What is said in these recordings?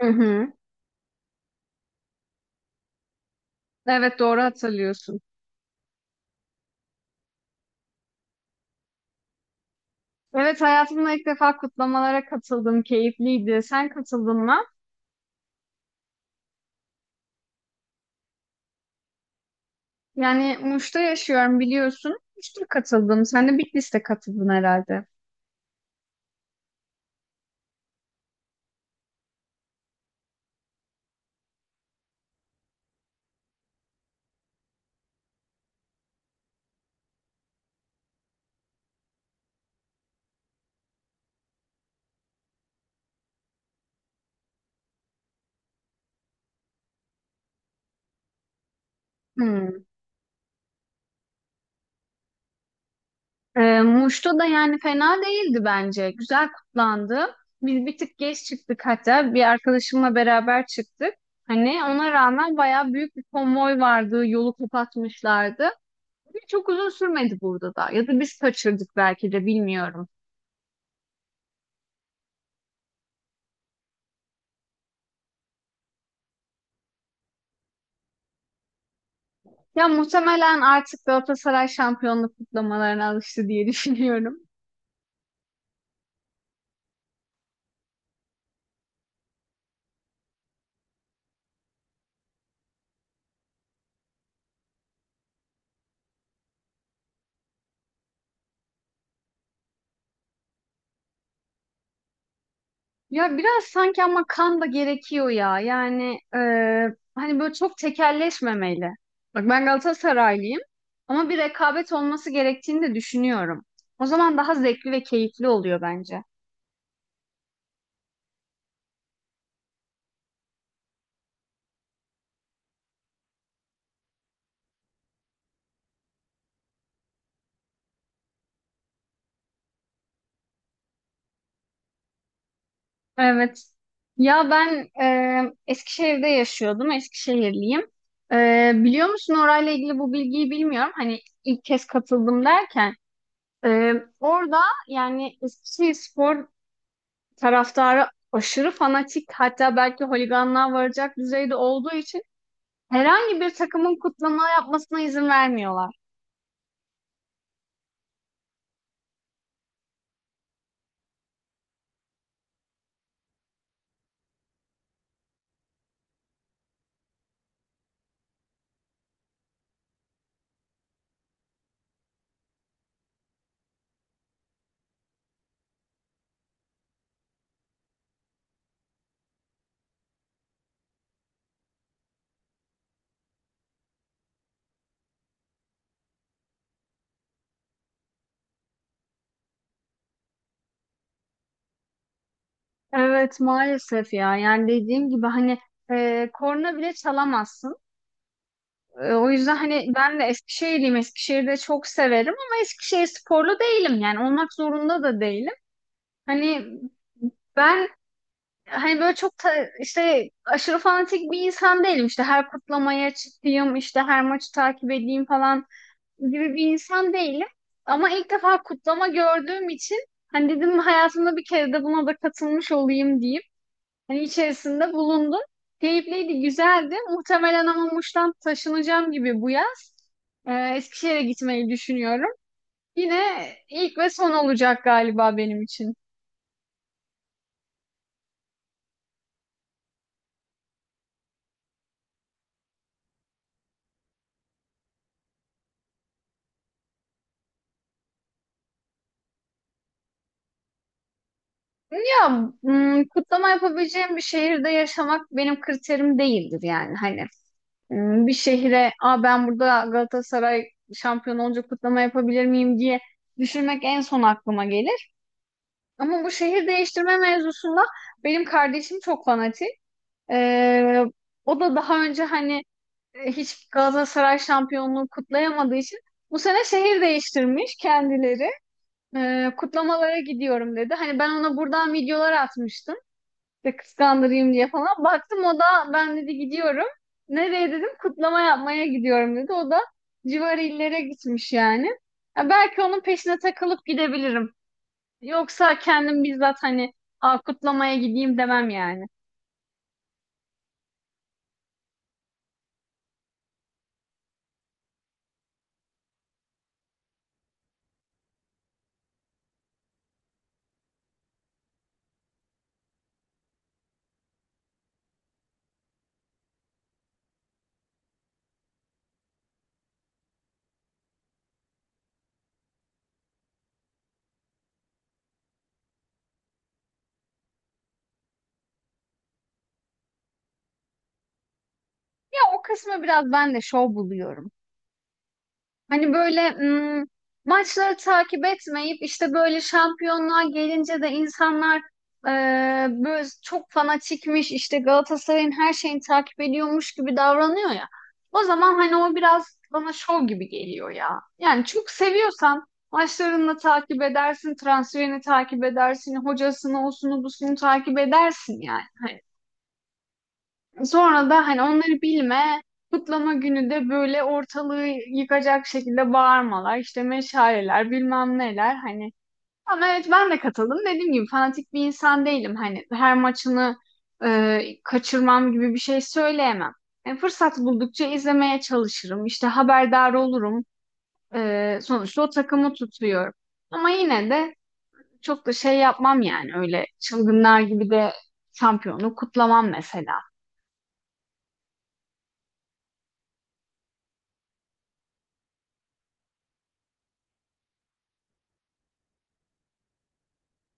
Hı hı. Evet doğru hatırlıyorsun. Evet hayatımda ilk defa kutlamalara katıldım. Keyifliydi. Sen katıldın mı? Yani Muş'ta yaşıyorum biliyorsun. Muş'ta katıldım. Sen de Bitlis'te katıldın herhalde. Hmm. Muş'ta da yani fena değildi bence. Güzel kutlandı. Biz bir tık geç çıktık hatta. Bir arkadaşımla beraber çıktık. Hani ona rağmen bayağı büyük bir konvoy vardı. Yolu kapatmışlardı. Çok uzun sürmedi burada da. Ya da biz kaçırdık belki de bilmiyorum. Ya muhtemelen artık Galatasaray şampiyonluk kutlamalarına alıştı diye düşünüyorum. Ya biraz sanki ama kan da gerekiyor ya. Hani böyle çok tekelleşmemeli. Bak ben Galatasaraylıyım ama bir rekabet olması gerektiğini de düşünüyorum. O zaman daha zevkli ve keyifli oluyor bence. Evet. Ya ben Eskişehir'de yaşıyordum. Eskişehirliyim. E, biliyor musun orayla ilgili bu bilgiyi bilmiyorum. Hani ilk kez katıldım derken. Ee, Orada yani Eskişehirspor taraftarı aşırı fanatik hatta belki holiganlığa varacak düzeyde olduğu için herhangi bir takımın kutlama yapmasına izin vermiyorlar. Evet maalesef ya yani dediğim gibi hani korna bile çalamazsın. E, o yüzden hani ben de Eskişehirliyim Eskişehir'i de çok severim ama eskişehir sporlu değilim yani olmak zorunda da değilim. Hani ben Hani böyle işte aşırı fanatik bir insan değilim. İşte her kutlamaya çıkayım, işte her maçı takip edeyim falan gibi bir insan değilim. Ama ilk defa kutlama gördüğüm için hani dedim hayatımda bir kere de buna da katılmış olayım diyeyim. Hani içerisinde bulundum. Keyifliydi, güzeldi. Muhtemelen ama Muş'tan taşınacağım gibi bu yaz. Eskişehir'e gitmeyi düşünüyorum. Yine ilk ve son olacak galiba benim için. Ya kutlama yapabileceğim bir şehirde yaşamak benim kriterim değildir yani hani. Hmm, bir şehre Aa, ben burada Galatasaray şampiyon olunca kutlama yapabilir miyim diye düşünmek en son aklıma gelir. Ama bu şehir değiştirme mevzusunda benim kardeşim çok fanatik. Ee, O da daha önce hani hiç Galatasaray şampiyonluğu kutlayamadığı için bu sene şehir değiştirmiş kendileri. Kutlamalara gidiyorum dedi. Hani ben ona buradan videolar atmıştım. İşte kıskandırayım diye falan. Baktım o da ben dedi gidiyorum. Nereye dedim kutlama yapmaya gidiyorum dedi. O da civar illere gitmiş yani. Ya belki onun peşine takılıp gidebilirim. Yoksa kendim bizzat hani "Aa, kutlamaya gideyim" demem yani. Ya o kısmı biraz ben de şov buluyorum. Hani böyle maçları takip etmeyip işte böyle şampiyonluğa gelince de insanlar e, böyle çok fanatikmiş işte Galatasaray'ın her şeyini takip ediyormuş gibi davranıyor ya. O zaman hani o biraz bana şov gibi geliyor ya. Yani çok seviyorsan maçlarını takip edersin, transferini takip edersin, hocasını, osunu, busunu takip edersin yani. Sonra da hani onları bilme, kutlama günü de böyle ortalığı yıkacak şekilde bağırmalar, işte meşaleler, bilmem neler hani. Ama evet ben de katıldım. Dediğim gibi fanatik bir insan değilim. Hani her maçını kaçırmam gibi bir şey söyleyemem. Yani fırsat buldukça izlemeye çalışırım. İşte haberdar olurum. E, sonuçta o takımı tutuyorum. Ama yine de çok da şey yapmam yani öyle çılgınlar gibi de şampiyonluğu kutlamam mesela.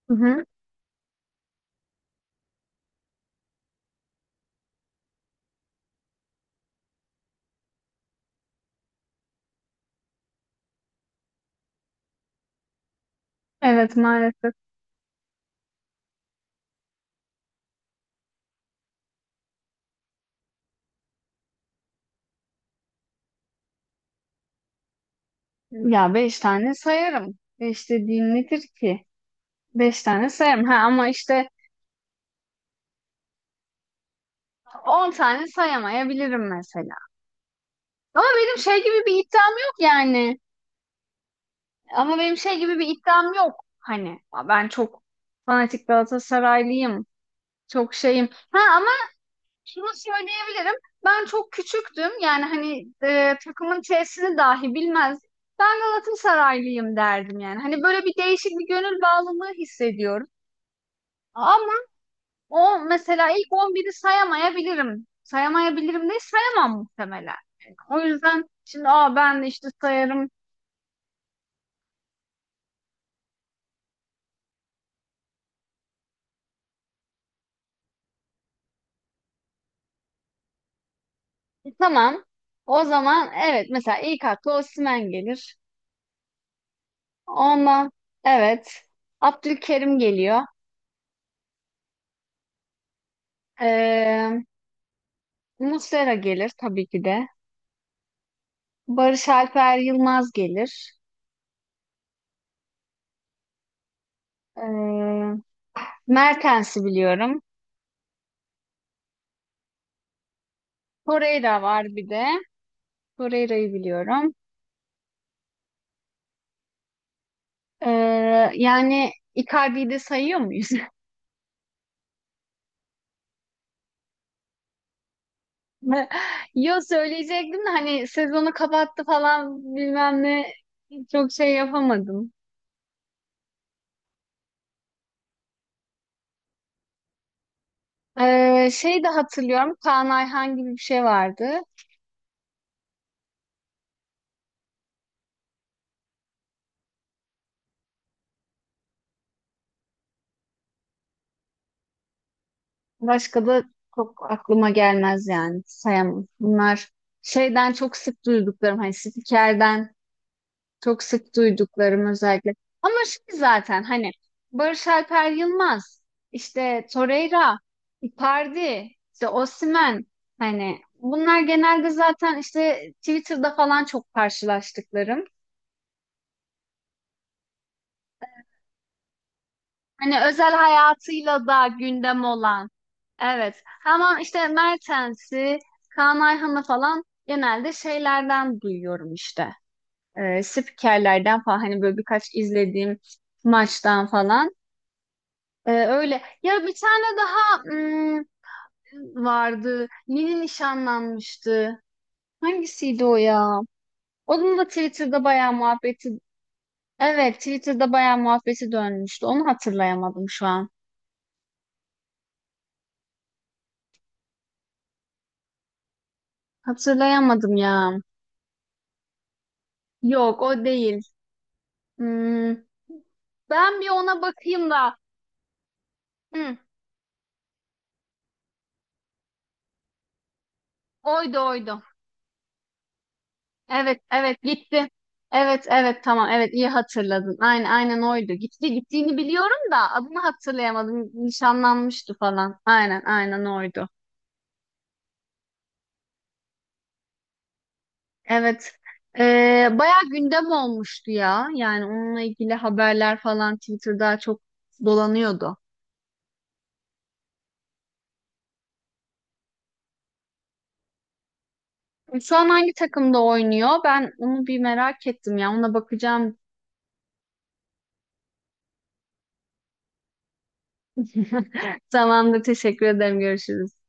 Hı hı. Evet maalesef. Ya beş tane sayarım. Beş dediğin nedir ki? Beş tane sayarım. Ha, ama işte on tane sayamayabilirim mesela. Ama benim şey gibi bir iddiam yok yani. Ama benim şey gibi bir iddiam yok. Hani ben çok fanatik Galatasaraylıyım. Çok şeyim. Ha ama şunu söyleyebilirim. Ben çok küçüktüm. Yani hani takımın T'sini dahi bilmezdim. Ben Galatasaraylıyım derdim yani. Hani böyle bir değişik bir gönül bağlılığı hissediyorum. Ama O mesela ilk on biri sayamayabilirim. Sayamayabilirim değil, sayamam muhtemelen. Yani o yüzden şimdi aa ben de işte sayarım. Tamam. O zaman evet mesela ilk akla Osimhen gelir. Ondan evet Abdülkerim geliyor. Ee, Muslera gelir tabii ki de. Barış Alper Yılmaz gelir. Ee, Mertens'i biliyorum. Torreira var bir de. Torreira'yı biliyorum. Ee, Yani Icardi'yi de sayıyor muyuz? Yo söyleyecektim de hani sezonu kapattı falan bilmem ne çok şey yapamadım. Şey de hatırlıyorum Kaan Ayhan gibi bir şey vardı. Başka da çok aklıma gelmez yani sayamam. Bunlar şeyden çok sık duyduklarım hani spikerden. Çok sık duyduklarım özellikle. Ama şey zaten hani Barış Alper Yılmaz, işte Torreira, Icardi, işte Osimhen hani bunlar genelde zaten işte Twitter'da falan çok karşılaştıklarım. Hani özel hayatıyla da gündem olan. Evet. Ama işte Mertens'i, Kaan Ayhan'ı falan genelde şeylerden duyuyorum işte. Spikerlerden falan hani böyle birkaç izlediğim maçtan falan. Öyle. Ya bir tane daha vardı. Yeni nişanlanmıştı. Hangisiydi o ya? Onun da Twitter'da bayağı muhabbeti. Evet, Twitter'da bayağı muhabbeti dönmüştü. Onu hatırlayamadım şu an. Hatırlayamadım ya. Yok, o değil. Hmm, Ben bir ona bakayım da. Hı, oydu oydu. Evet, evet gitti. Evet, evet tamam. Evet iyi hatırladın. Aynen, aynen oydu. Gitti, gittiğini biliyorum da adını hatırlayamadım. Nişanlanmıştı falan. Aynen, aynen oydu. Evet. Bayağı gündem olmuştu ya. Yani onunla ilgili haberler falan Twitter'da çok dolanıyordu. Şu an hangi takımda oynuyor? Ben onu bir merak ettim ya. Ona bakacağım. Tamamdır. Teşekkür ederim. Görüşürüz.